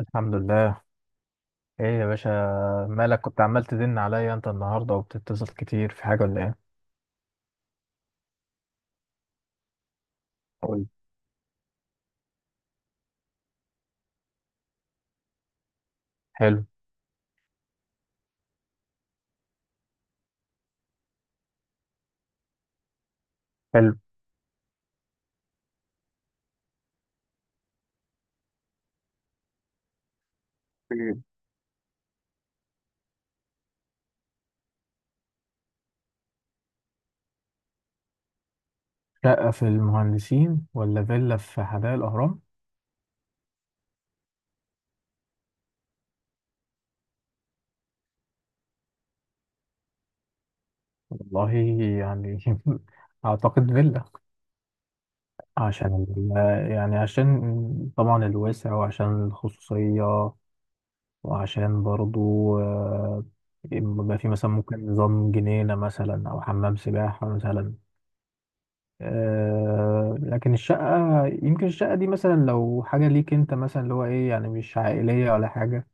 الحمد لله. ايه يا باشا؟ مالك كنت عمال تزن عليا انت النهارده وبتتصل كتير في حاجه ولا ايه؟ قول. حلو. حلو. إيه؟ شقه في المهندسين ولا فيلا في حدائق الاهرام؟ والله، يعني اعتقد فيلا عشان يعني عشان طبعا الوسع وعشان الخصوصيه وعشان برضو، آه، يبقى في مثلا ممكن نظام جنينه مثلا او حمام سباحه مثلا. لكن الشقة، يمكن الشقة دي مثلا لو حاجة ليك انت مثلا اللي هو ايه، يعني مش عائلية ولا حاجة،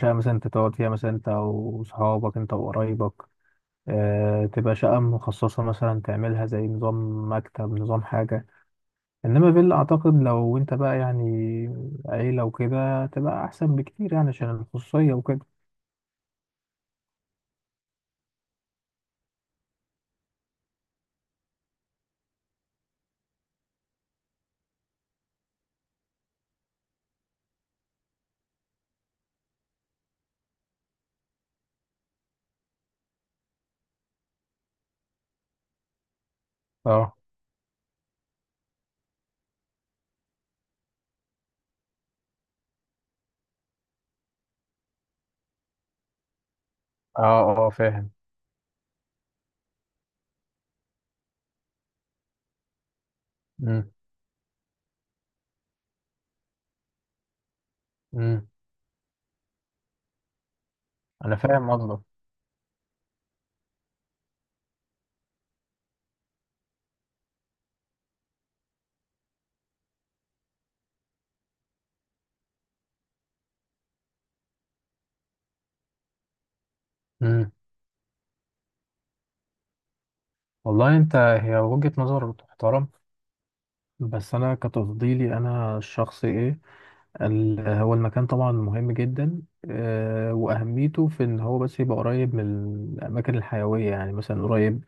شقة مثلا انت تقعد فيها مثلا انت وصحابك انت وقرايبك، تبقى شقة مخصصة مثلا، تعملها زي نظام مكتب، نظام حاجة. انما فيلا اعتقد لو انت بقى يعني عيلة وكده تبقى احسن بكتير يعني عشان الخصوصية وكده. اه. اه. اه فاهم. مم. مم. انا فاهم قصدك. مم. والله انت، هي وجهة نظر تحترم. بس انا كتفضيلي انا الشخصي ايه، هو المكان طبعا مهم جدا، واهميته في ان هو بس يبقى قريب من الاماكن الحيويه، يعني مثلا قريب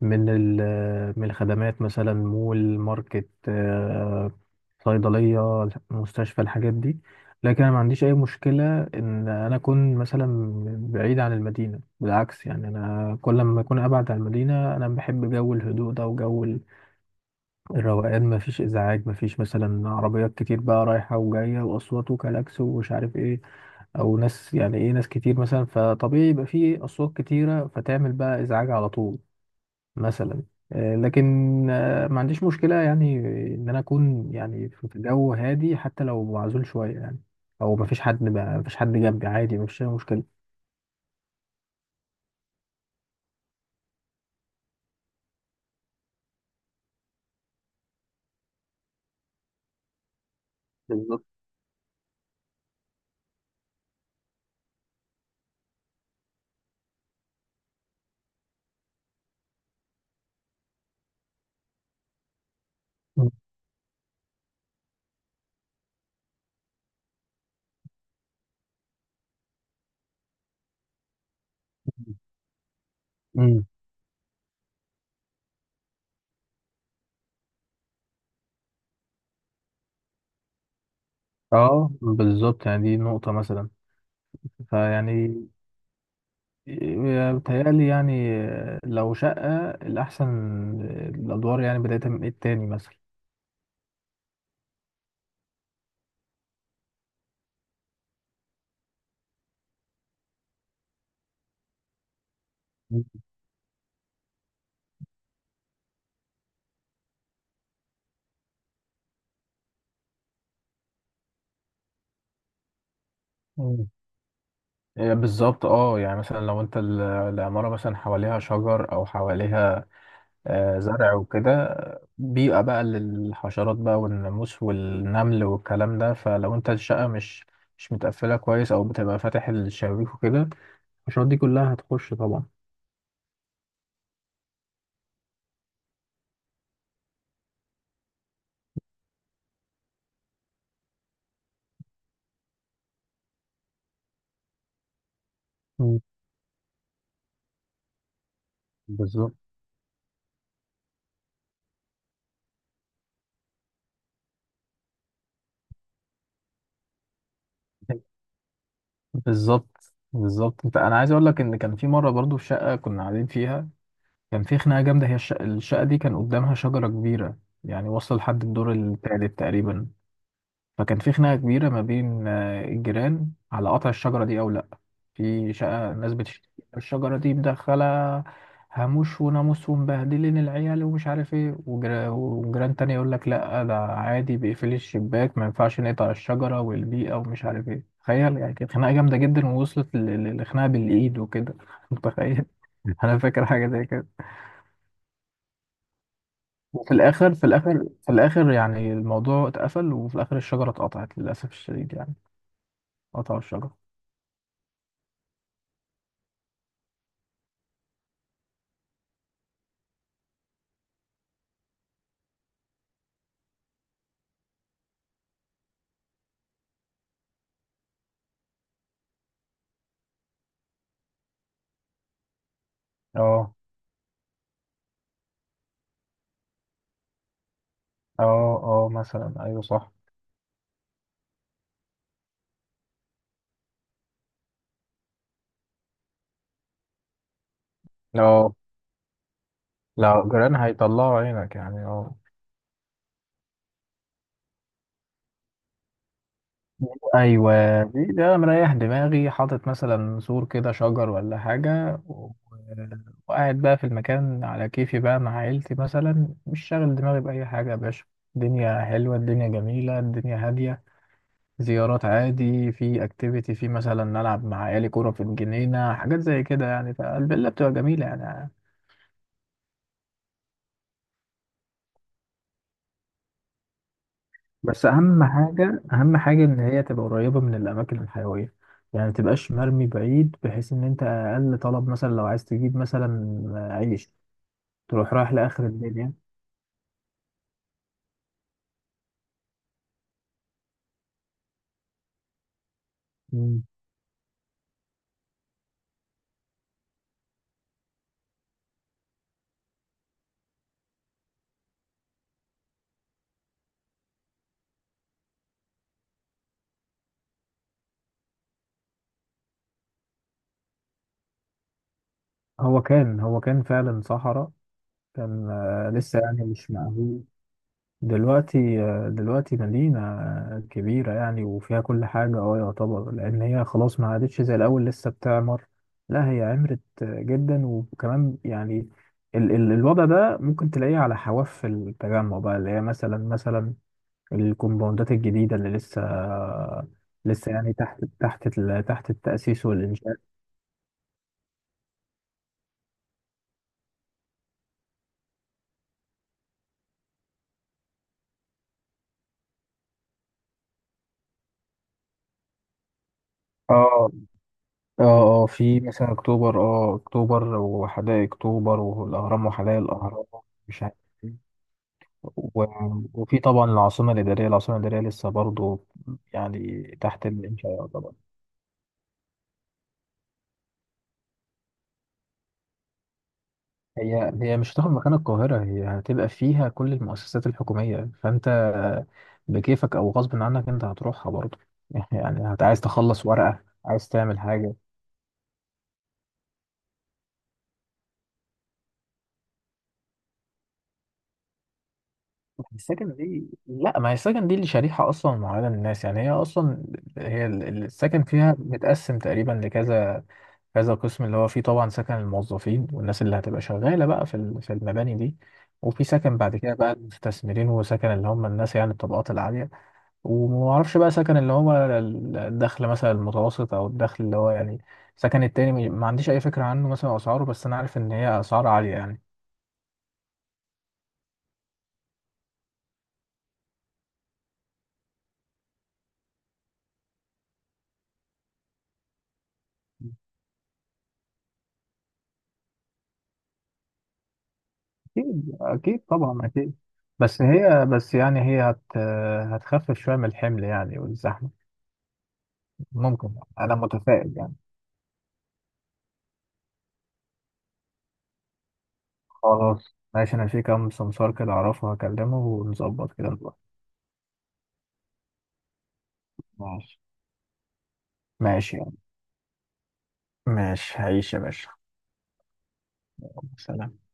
من من الخدمات، مثلا مول، ماركت، صيدليه، مستشفى، الحاجات دي. لكن انا ما عنديش اي مشكله ان انا اكون مثلا بعيد عن المدينه، بالعكس، يعني انا كل ما اكون ابعد عن المدينه انا بحب جو الهدوء ده وجو الروقان، مفيش ازعاج، مفيش مثلا عربيات كتير بقى رايحه وجايه واصوات وكلاكس ومش عارف ايه، او ناس، يعني ايه، ناس كتير مثلا فطبيعي يبقى فيه اصوات كتيره فتعمل بقى ازعاج على طول مثلا. لكن ما عنديش مشكله يعني ان انا اكون يعني في جو هادي حتى لو معزول شويه يعني، او مفيش حد بقى، مفيش حد جنبي، عادي، مفيش أي مشكله. بالظبط. مم. اه بالظبط، يعني دي نقطه مثلا، فيعني بتهيألي يعني لو شقة، الأحسن الأدوار يعني بداية من التاني مثلا. مم. إيه بالظبط. اه يعني مثلا لو انت العمارة مثلا حواليها شجر او حواليها زرع وكده، بيئة بقى للحشرات بقى والناموس والنمل والكلام ده، فلو انت الشقة مش متقفلة كويس او بتبقى فاتح الشبابيك وكده، الحشرات دي كلها هتخش طبعا. مم. بالظبط. بالظبط، بالظبط، انت انا عايز اقول لك ان كان في مره برضو في شقه كنا قاعدين فيها، كان في خناقه جامده. هي الشقة دي كان قدامها شجره كبيره يعني واصله لحد الدور الثالث تقريبا، فكان في خناقة كبيرة ما بين الجيران على قطع الشجرة دي أو لأ. في شقة ناس بتشتكي الشجرة دي مدخلة هاموش وناموس ومبهدلين العيال ومش عارف ايه، وجيران تاني يقول لك لأ، ده عادي، بيقفلي الشباك، ما ينفعش نقطع الشجرة والبيئة ومش عارف ايه. تخيل يعني، كانت خناقة جامدة جدا ووصلت لخناقة بالإيد وكده متخيل. أنا فاكر حاجة زي كده. وفي الآخر، في الآخر يعني الموضوع اتقفل، وفي الآخر الشجرة اتقطعت للأسف الشديد يعني، قطعوا الشجرة. اه. اه. اه مثلا، ايوه صح. اه لا جيران هيطلعوا عينك يعني، اه ايوه، دي ده أنا مريح دماغي، حاطط مثلا سور كده، شجر ولا حاجه، وقاعد بقى في المكان على كيفي بقى مع عيلتي مثلا، مش شاغل دماغي باي حاجه يا باشا، الدنيا حلوه، الدنيا جميله، الدنيا هاديه، زيارات عادي، في اكتيفيتي، في مثلا نلعب مع عيالي كوره في الجنينه، حاجات زي كده يعني، فالفيلا بتبقى جميله يعني. بس اهم حاجه، اهم حاجه ان هي تبقى قريبه من الاماكن الحيويه، يعني ما تبقاش مرمي بعيد، بحيث ان انت اقل طلب مثلا لو عايز تجيب مثلا عيش تروح رايح لاخر الدنيا. مم. هو كان فعلا صحراء، كان لسه يعني مش مأهول. دلوقتي، دلوقتي مدينة كبيرة يعني وفيها كل حاجة، اه يعتبر، لأن هي خلاص ما عادتش زي الأول، لسه بتعمر. لا هي عمرت جدا، وكمان يعني ال ال الوضع ده ممكن تلاقيه على حواف التجمع بقى، اللي هي مثلا، مثلا الكومباوندات الجديدة اللي لسه يعني تحت التأسيس والإنشاء. اه. اه. اه في مثلا أكتوبر، اه أكتوبر وحدائق أكتوبر والأهرام وحدائق الأهرام، مش عارف. و- وفي طبعا العاصمة الإدارية. العاصمة الإدارية لسه برضو يعني تحت الإنشاء طبعا. هي مش هتاخد مكان القاهرة، هي هتبقى فيها كل المؤسسات الحكومية، فأنت بكيفك أو غصب عنك أنت هتروحها برضو يعني عايز تخلص ورقة، عايز تعمل حاجة. السكن دي، لا، ما هي السكن دي اللي شريحة أصلا معينة للناس، يعني هي أصلا هي السكن فيها متقسم تقريبا لكذا، كذا قسم، اللي هو فيه طبعا سكن الموظفين والناس اللي هتبقى شغالة بقى في في المباني دي، وفي سكن بعد كده بقى المستثمرين، وسكن اللي هم الناس يعني الطبقات العالية، ومعرفش بقى سكن اللي هو الدخل مثلا المتوسط أو الدخل اللي هو يعني سكن التاني، ما عنديش أي فكرة عنه مثلا أسعاره، بس أنا عارف إن هي أسعار عالية يعني. أكيد، أكيد طبعا، أكيد. بس يعني هي هت هتخفف شوية من الحمل يعني والزحمة، ممكن، أنا متفائل يعني. خلاص ماشي، انا في كام سمسار كده اعرفه، هكلمه ونظبط كده نروح. ماشي. ماشي يعني، ماشي، هعيش يا باشا. خلاص، سلام.